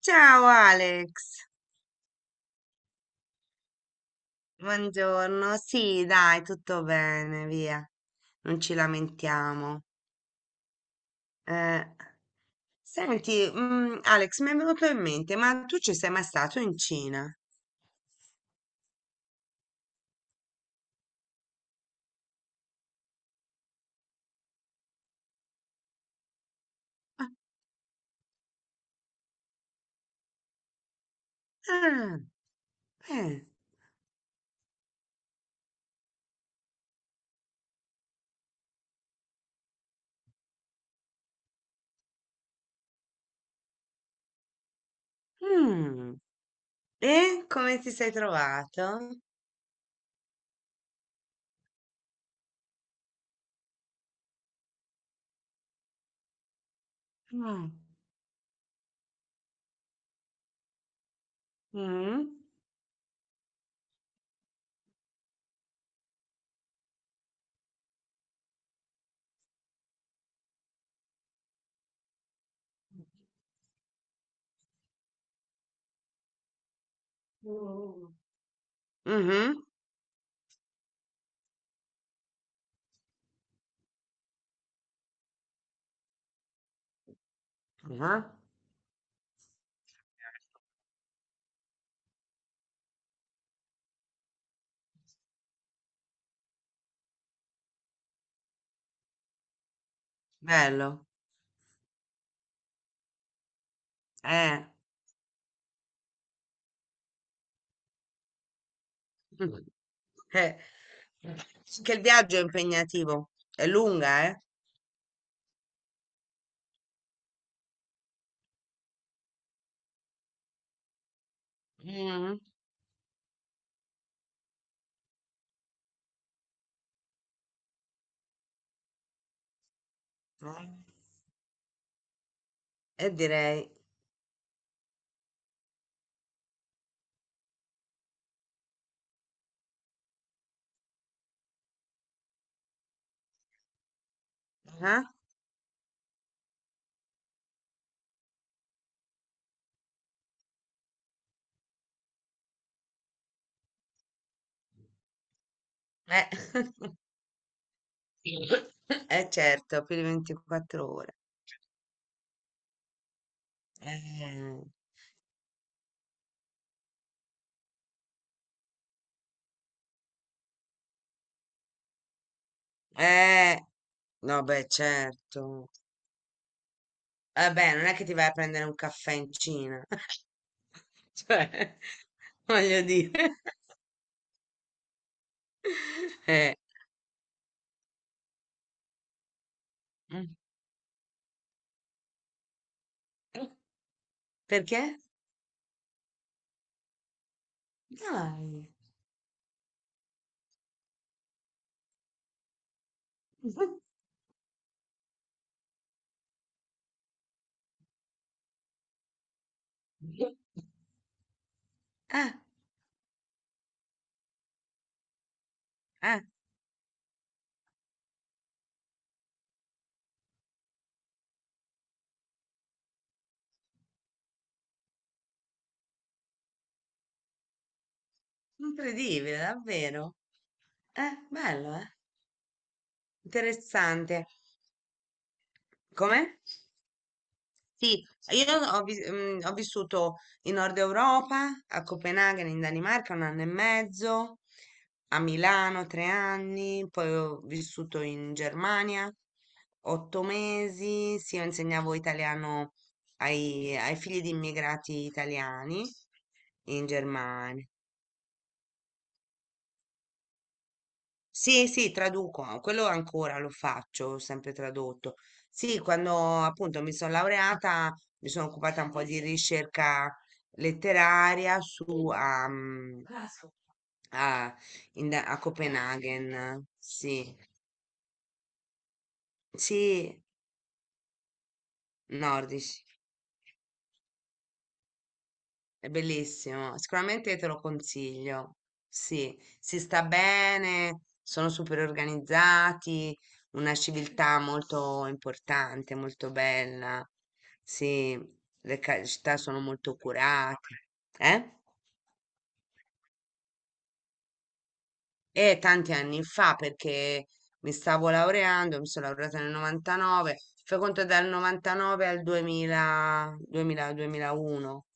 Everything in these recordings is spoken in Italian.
Ciao Alex, buongiorno. Sì, dai, tutto bene, via. Non ci lamentiamo. Eh, Senti, Alex, mi è venuto in mente, ma tu ci sei mai stato in Cina? Ah, eh, mm. E come ti sei trovato? Mm. Mm. Mm. Mhm. Ah, bello. Eh. Mm. Eh, che il viaggio è impegnativo, è lunga, eh? Mm. E direi, ah, eh, certo, più di 24 ore. Eh, eh, no, beh, certo. Vabbè, non è che ti vai a prendere un caffè in Cina, cioè, voglio dire. Eh, mm. Perché? Dai. Ah, ah, incredibile, davvero. Bello, eh? Interessante. Com'è? Sì, io ho, ho vissuto in Nord Europa, a Copenaghen, in Danimarca, un anno e mezzo, a Milano tre anni, poi ho vissuto in Germania otto mesi, sì, io insegnavo italiano ai, ai figli di immigrati italiani in Germania. Sì, sì, traduco, ah, quello ancora lo faccio, ho sempre tradotto. Sì, quando appunto mi sono laureata, mi sono occupata un po' di ricerca letteraria su, a, mm, a, in- a Copenaghen, sì, sì, nordici. È bellissimo, sicuramente te lo consiglio. Sì, si sta bene, sono super organizzati, una civiltà molto importante, molto bella. Sì, le città sono molto curate. Eh? E tanti anni fa, perché mi stavo laureando, mi sono laureata nel 99, fai conto dal 99 al 2000, 2000, 2001.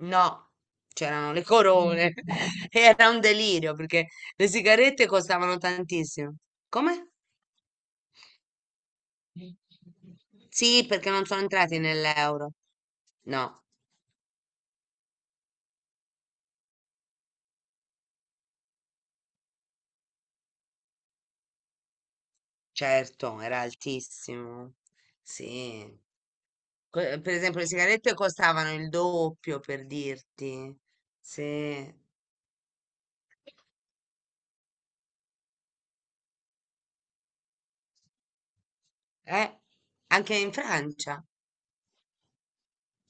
No, c'erano le corone. Era un delirio perché le sigarette costavano tantissimo. Come? Sì, perché non sono entrati nell'euro. No, certo, era altissimo. Sì. Per esempio, le sigarette costavano il doppio, per dirti. Sì. Anche in Francia.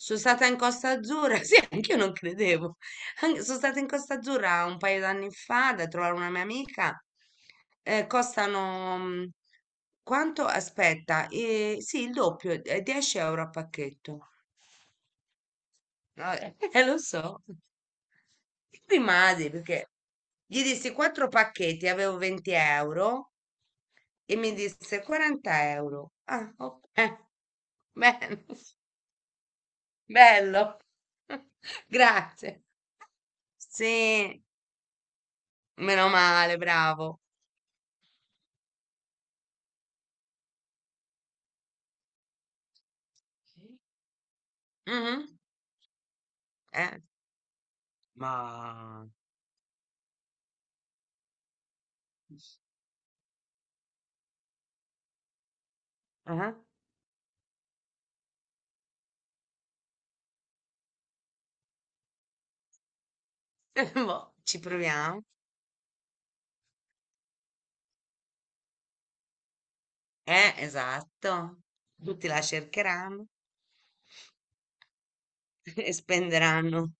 Sono stata in Costa Azzurra, sì, anche io non credevo. Sono stata in Costa Azzurra un paio d'anni fa da trovare una mia amica. Costano quanto? Aspetta, sì, il doppio, 10 € a pacchetto. Vabbè, lo so. Rimasi perché gli dissi quattro pacchetti, avevo 20 € e mi disse 40 euro. Ah, ok. Bene, bello. Grazie. Sì, meno male, bravo. Sì. Mhm. Eh, ma ah, boh, ci proviamo. Esatto. Tutti la cercheranno, e spenderanno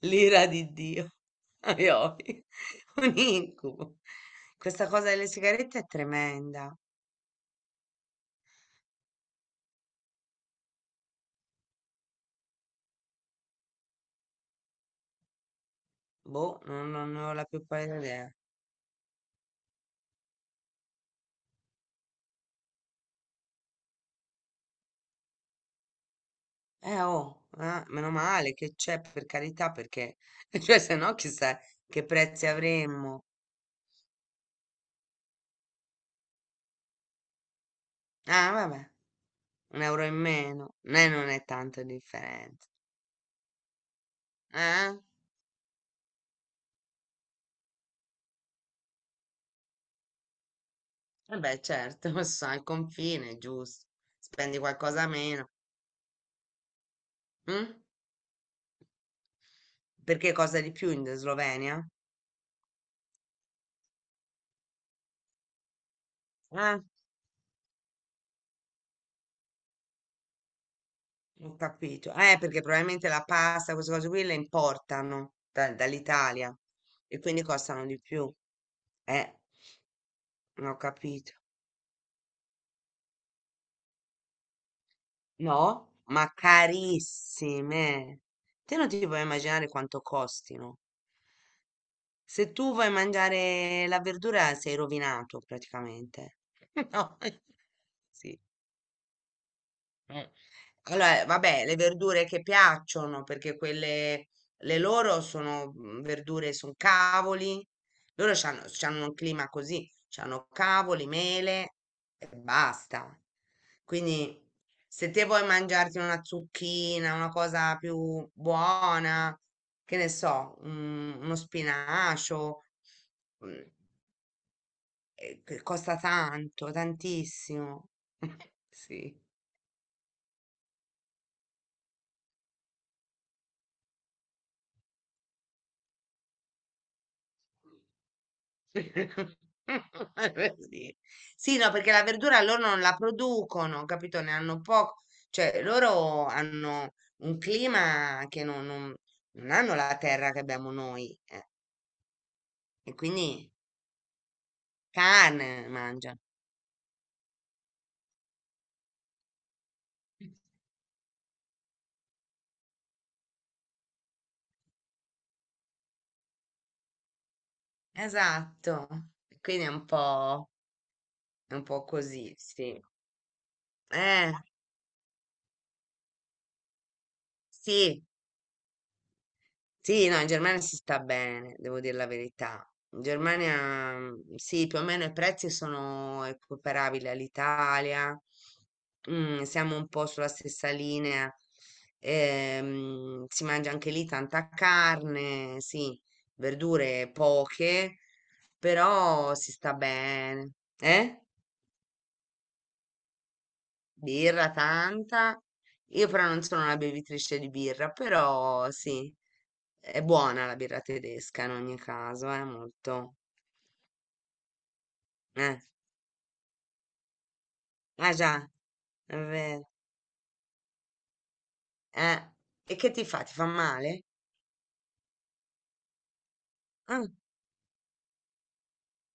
l'ira di Dio. Ai, ai, un incubo. Questa cosa delle sigarette è tremenda. Boh, non ne ho la più pallida idea. Oh, ah, meno male che c'è per carità, perché cioè, se no chissà che prezzi avremmo. Ah, vabbè, un euro in meno, né non è tanto differenza. Eh? Vabbè, certo, ma sono al confine, giusto. Spendi qualcosa meno. Mm? Perché cosa di più in Slovenia? Eh, ho capito. Perché probabilmente la pasta, queste cose qui le importano dall'Italia e quindi costano di più. Eh, non ho capito. No, ma carissime. Te non ti puoi immaginare quanto costino. Se tu vuoi mangiare la verdura sei rovinato praticamente. No, sì. Allora, vabbè, le verdure che piacciono, perché quelle, le loro sono verdure, sono cavoli, loro c'hanno un clima così, c'hanno cavoli, mele e basta. Quindi se te vuoi mangiarti una zucchina, una cosa più buona, che ne so, uno spinacio, mm, che costa tanto, tantissimo. Sì. Sì. Sì, no, perché la verdura loro non la producono, capito? Ne hanno poco, cioè loro hanno un clima che non hanno la terra che abbiamo noi, e quindi carne mangiano. Esatto. Quindi è un po' così, sì. Eh, sì. Sì, no, in Germania si sta bene, devo dire la verità. In Germania, sì, più o meno i prezzi sono equiparabili all'Italia, siamo un po' sulla stessa linea, si mangia anche lì tanta carne, sì, verdure poche, però si sta bene. Eh? Birra tanta. Io però non sono una bevitrice di birra, però sì. È buona la birra tedesca in ogni caso, è molto. Eh, eh già, è vero. Eh. E che ti fa? Ti fa male? Ah,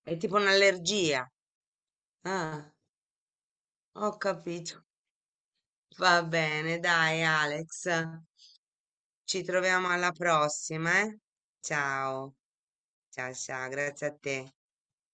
è tipo un'allergia. Ah, ho capito. Va bene, dai Alex. Ci troviamo alla prossima, eh? Ciao, ciao, ciao, grazie a te.